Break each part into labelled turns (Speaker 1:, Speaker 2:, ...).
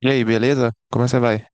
Speaker 1: E aí, beleza? Como você vai?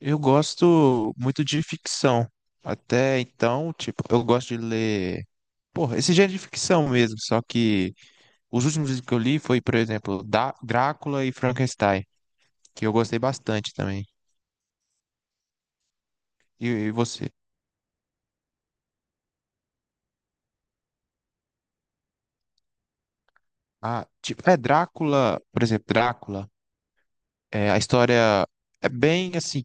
Speaker 1: Eu gosto muito de ficção. Até então, tipo, eu gosto de ler, porra, esse gênero de ficção mesmo, só que os últimos livros que eu li foi, por exemplo, da Drácula e Frankenstein, que eu gostei bastante também. E você? Ah, tipo, é Drácula, por exemplo, Drácula, é, a história é bem assim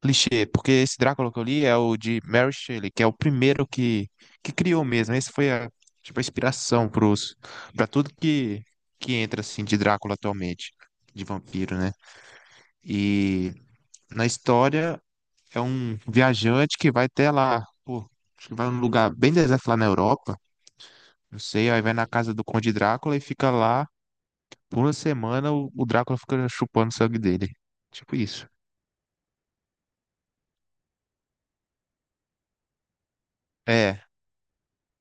Speaker 1: clichê, porque esse Drácula que eu li é o de Mary Shelley, que é o primeiro que criou mesmo. Esse foi a, tipo, a inspiração pra tudo que entra, assim, de Drácula atualmente, de vampiro, né? E na história é um viajante que vai até lá, pô, acho que vai num lugar bem deserto lá na Europa, não sei, aí vai na casa do Conde Drácula e fica lá por uma semana, o Drácula fica chupando o sangue dele. Tipo isso. É.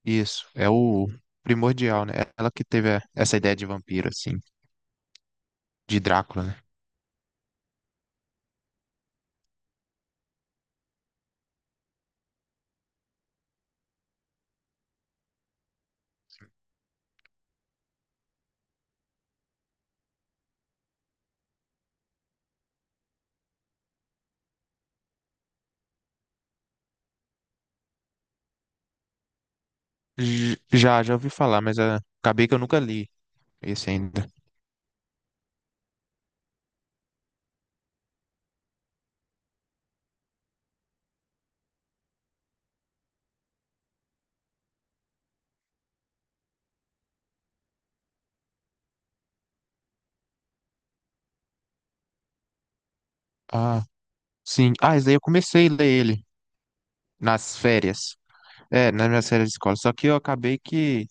Speaker 1: Isso, é o primordial, né? Ela que teve essa ideia de vampiro, assim, de Drácula, né? Já ouvi falar, mas acabei que eu nunca li esse ainda. Ah, sim. Ah, esse daí eu comecei a ler ele nas férias. É, nas minhas férias de escola. Só que eu acabei que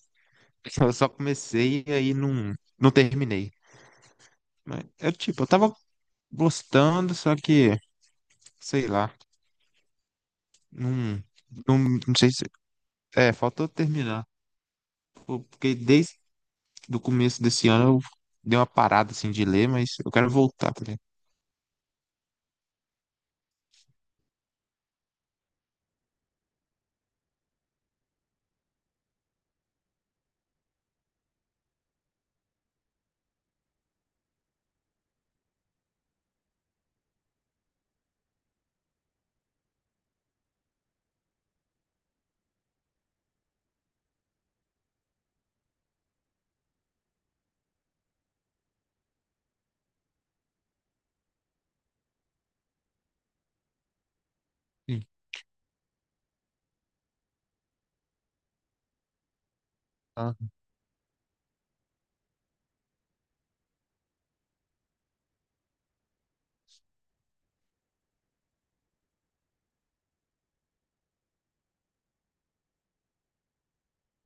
Speaker 1: eu só comecei e aí não terminei. Mas eu, tipo, eu tava gostando, só que, sei lá, não, não sei se. É, faltou terminar. Pô, porque desde do começo desse ano eu dei uma parada assim de ler, mas eu quero voltar, tá ligado? Sim. Ah,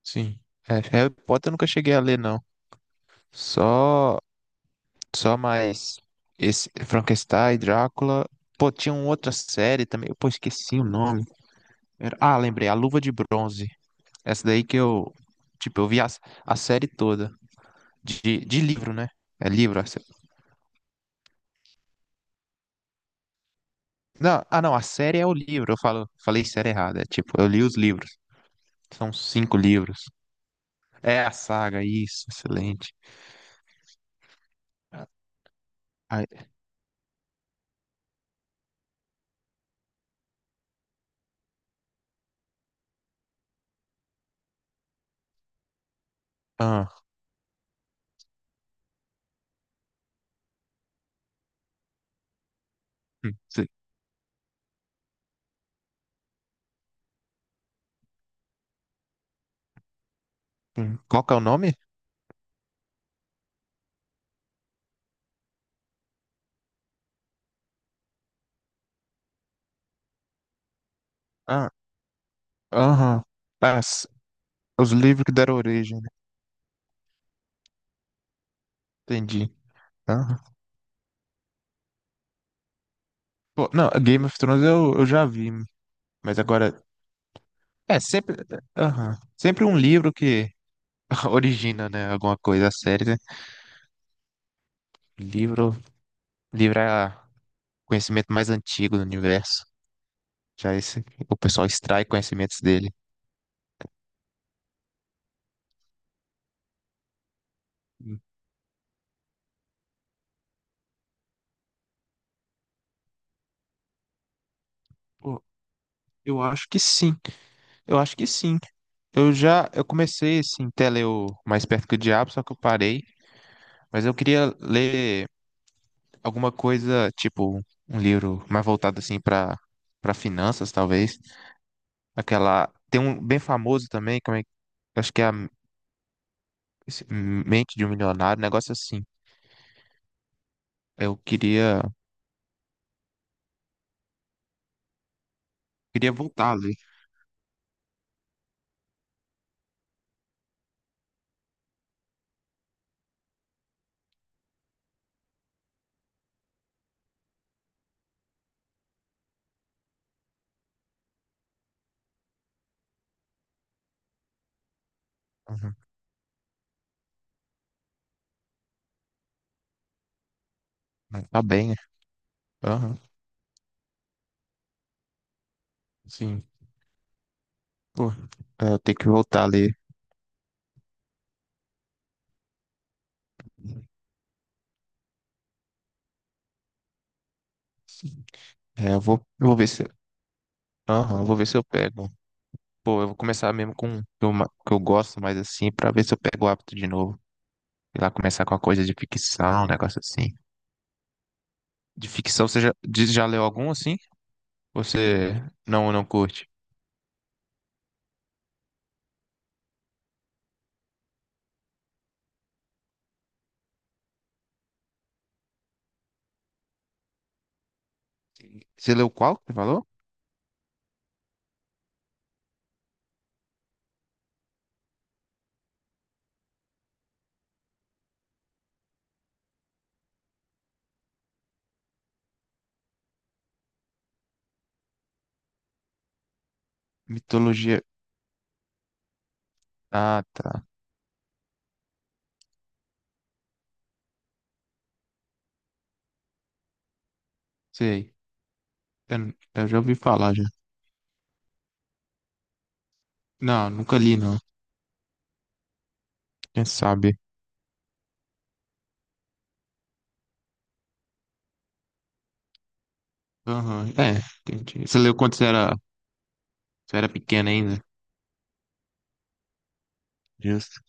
Speaker 1: sim. É, Harry Potter eu nunca cheguei a ler, não. Só, só mais esse Frankenstein, Drácula. Pô, tinha uma outra série também. Pô, esqueci o nome. Ah, lembrei, A Luva de Bronze. Essa daí que eu, tipo, eu vi a série toda. De livro, né? É livro. Não, não, a série é o livro. Eu falei série errada. É tipo, eu li os livros. São cinco livros. É a saga, isso, excelente. Ai, ah, se- qual que é o nome? Ah, aham. Ah, s- os livros que deram origem, né? Entendi. Aham. Pô, não, Game of Thrones eu já vi, mas agora. É, sempre. Aham. Sempre um livro que origina, né? Alguma coisa, a série, né? Livro, livro é o conhecimento mais antigo do universo. Já esse, o pessoal extrai conhecimentos dele. Pô, eu acho que sim. Eu acho que sim. Eu comecei assim, até ler o Mais Perto que o Diabo, só que eu parei. Mas eu queria ler alguma coisa, tipo um livro mais voltado assim para finanças, talvez. Aquela tem um bem famoso também, como é, acho que é a Mente de um Milionário, um negócio assim. Eu queria Queria voltar ali. Uhum. Mas tá bem, né? Aham, sim. Pô, é, eu tenho que voltar ali. É, eu vou ver se, aham, eu vou ver se eu pego. Pô, eu vou começar mesmo com o que eu, que eu gosto mais assim, pra ver se eu pego o hábito de novo. E lá, começar com uma coisa de ficção, um negócio assim. De ficção, você já leu algum assim? Você não curte? Você leu qual que você falou? Mitologia. Ah, tá. Sei. Eu, eu já ouvi falar já. Não, nunca li, não. Quem sabe? Aham, é, entendi. Você leu quando você era pequena ainda? Justo.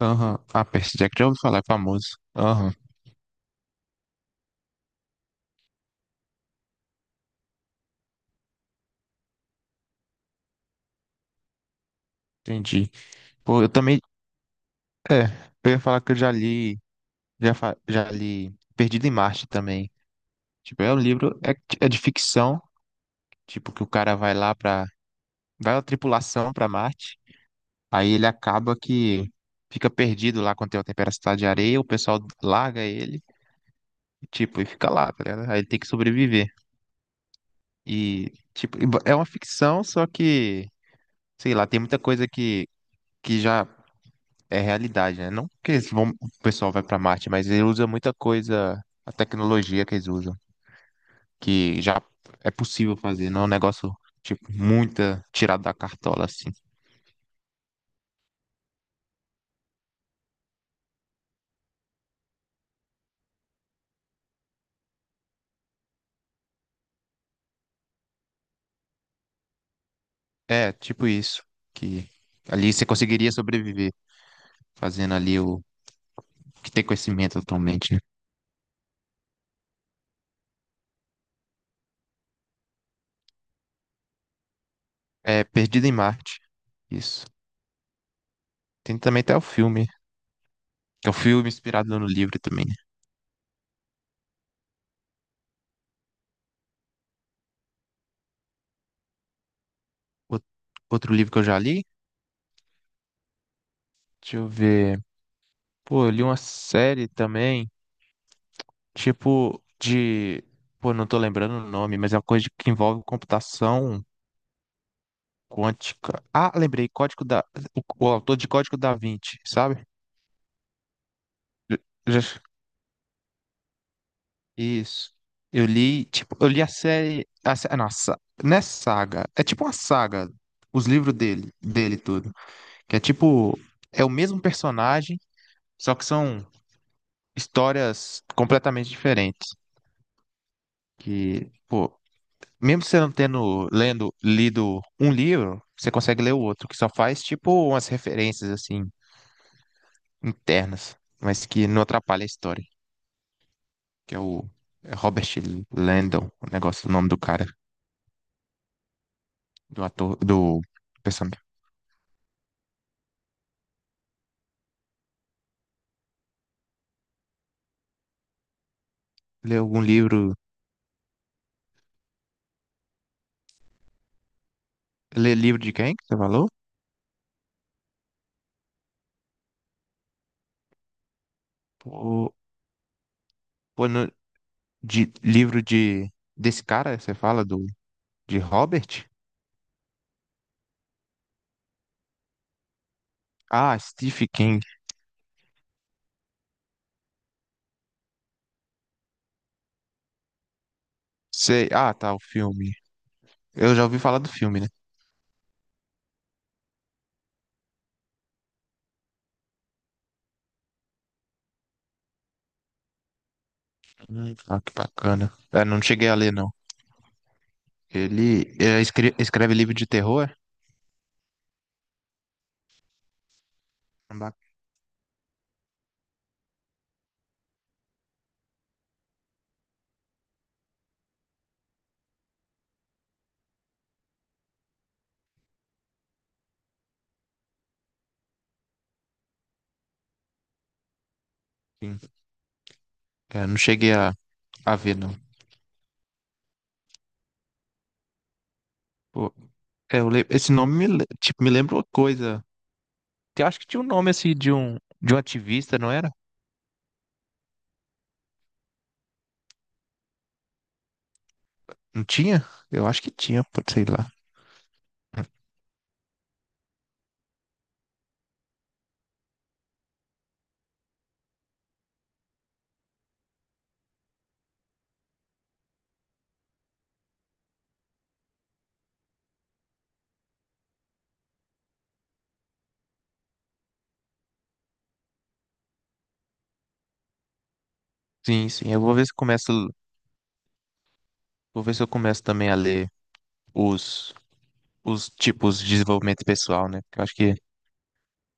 Speaker 1: Aham. Ah, Percy Jackson, já ouvi falar, é famoso. Aham, entendi. Pô, eu também. É, eu ia falar que eu já li. Já li Perdido em Marte também. Tipo, é um livro, é de ficção, tipo, que o cara vai lá pra. Vai uma tripulação pra Marte, aí ele acaba que fica perdido lá quando tem uma tempestade de areia, o pessoal larga ele, tipo, e fica lá, tá ligado? Aí ele tem que sobreviver. É uma ficção, só que, sei lá, tem muita coisa que já é realidade, né? Não que eles vão, o pessoal vai pra Marte, mas ele usa muita coisa, a tecnologia que eles usam. Que já é possível fazer, não é um negócio, tipo, muita tirada da cartola, assim. É, tipo isso, que ali você conseguiria sobreviver fazendo ali o que tem conhecimento atualmente, né? É Perdido em Marte, isso. Tem também até o filme, que é o filme inspirado no livro também, né? Out- Outro livro que eu já li, deixa eu ver. Pô, eu li uma série também. Tipo de. Pô, não tô lembrando o nome, mas é uma coisa que envolve computação quântica. Ah, lembrei, Código da. O, o autor de Código da Vinci, sabe? Já- já- Isso. Eu li a série. Não, não é saga. É tipo uma saga. Os livros dele tudo. Que é tipo. É o mesmo personagem, só que são histórias completamente diferentes. Que, pô, mesmo você não tendo lido um livro, você consegue ler o outro, que só faz tipo umas referências assim internas, mas que não atrapalha a história, que é o é Robert Landon, o negócio, o nome do cara, do ator, do personagem. Lê algum livro, lê livro de quem que você falou? Pô, pô, de livro de desse cara, você fala do de Robert? Ah, Stephen King. Sei, tá, o filme. Eu já ouvi falar do filme. Que bacana. É, não cheguei a ler, não. Ele é, escreve livro de terror? É? Bacana. Sim. É, não cheguei a ver, não. Pô, é, esse nome me, le- tipo, me lembra uma coisa. Eu acho que tinha um nome assim de um ativista, não era? Não tinha? Eu acho que tinha, pô, sei lá. Sim, sim. Eu vou ver se começo, vou ver se eu começo também a ler os, os tipos de desenvolvimento pessoal, né? Porque eu acho que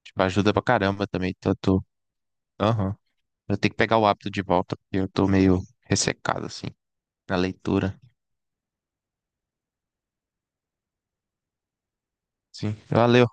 Speaker 1: tipo, ajuda pra caramba também. Então eu tô, aham. Eu tenho que pegar o hábito de volta, porque eu tô meio ressecado assim na leitura. Sim. Valeu.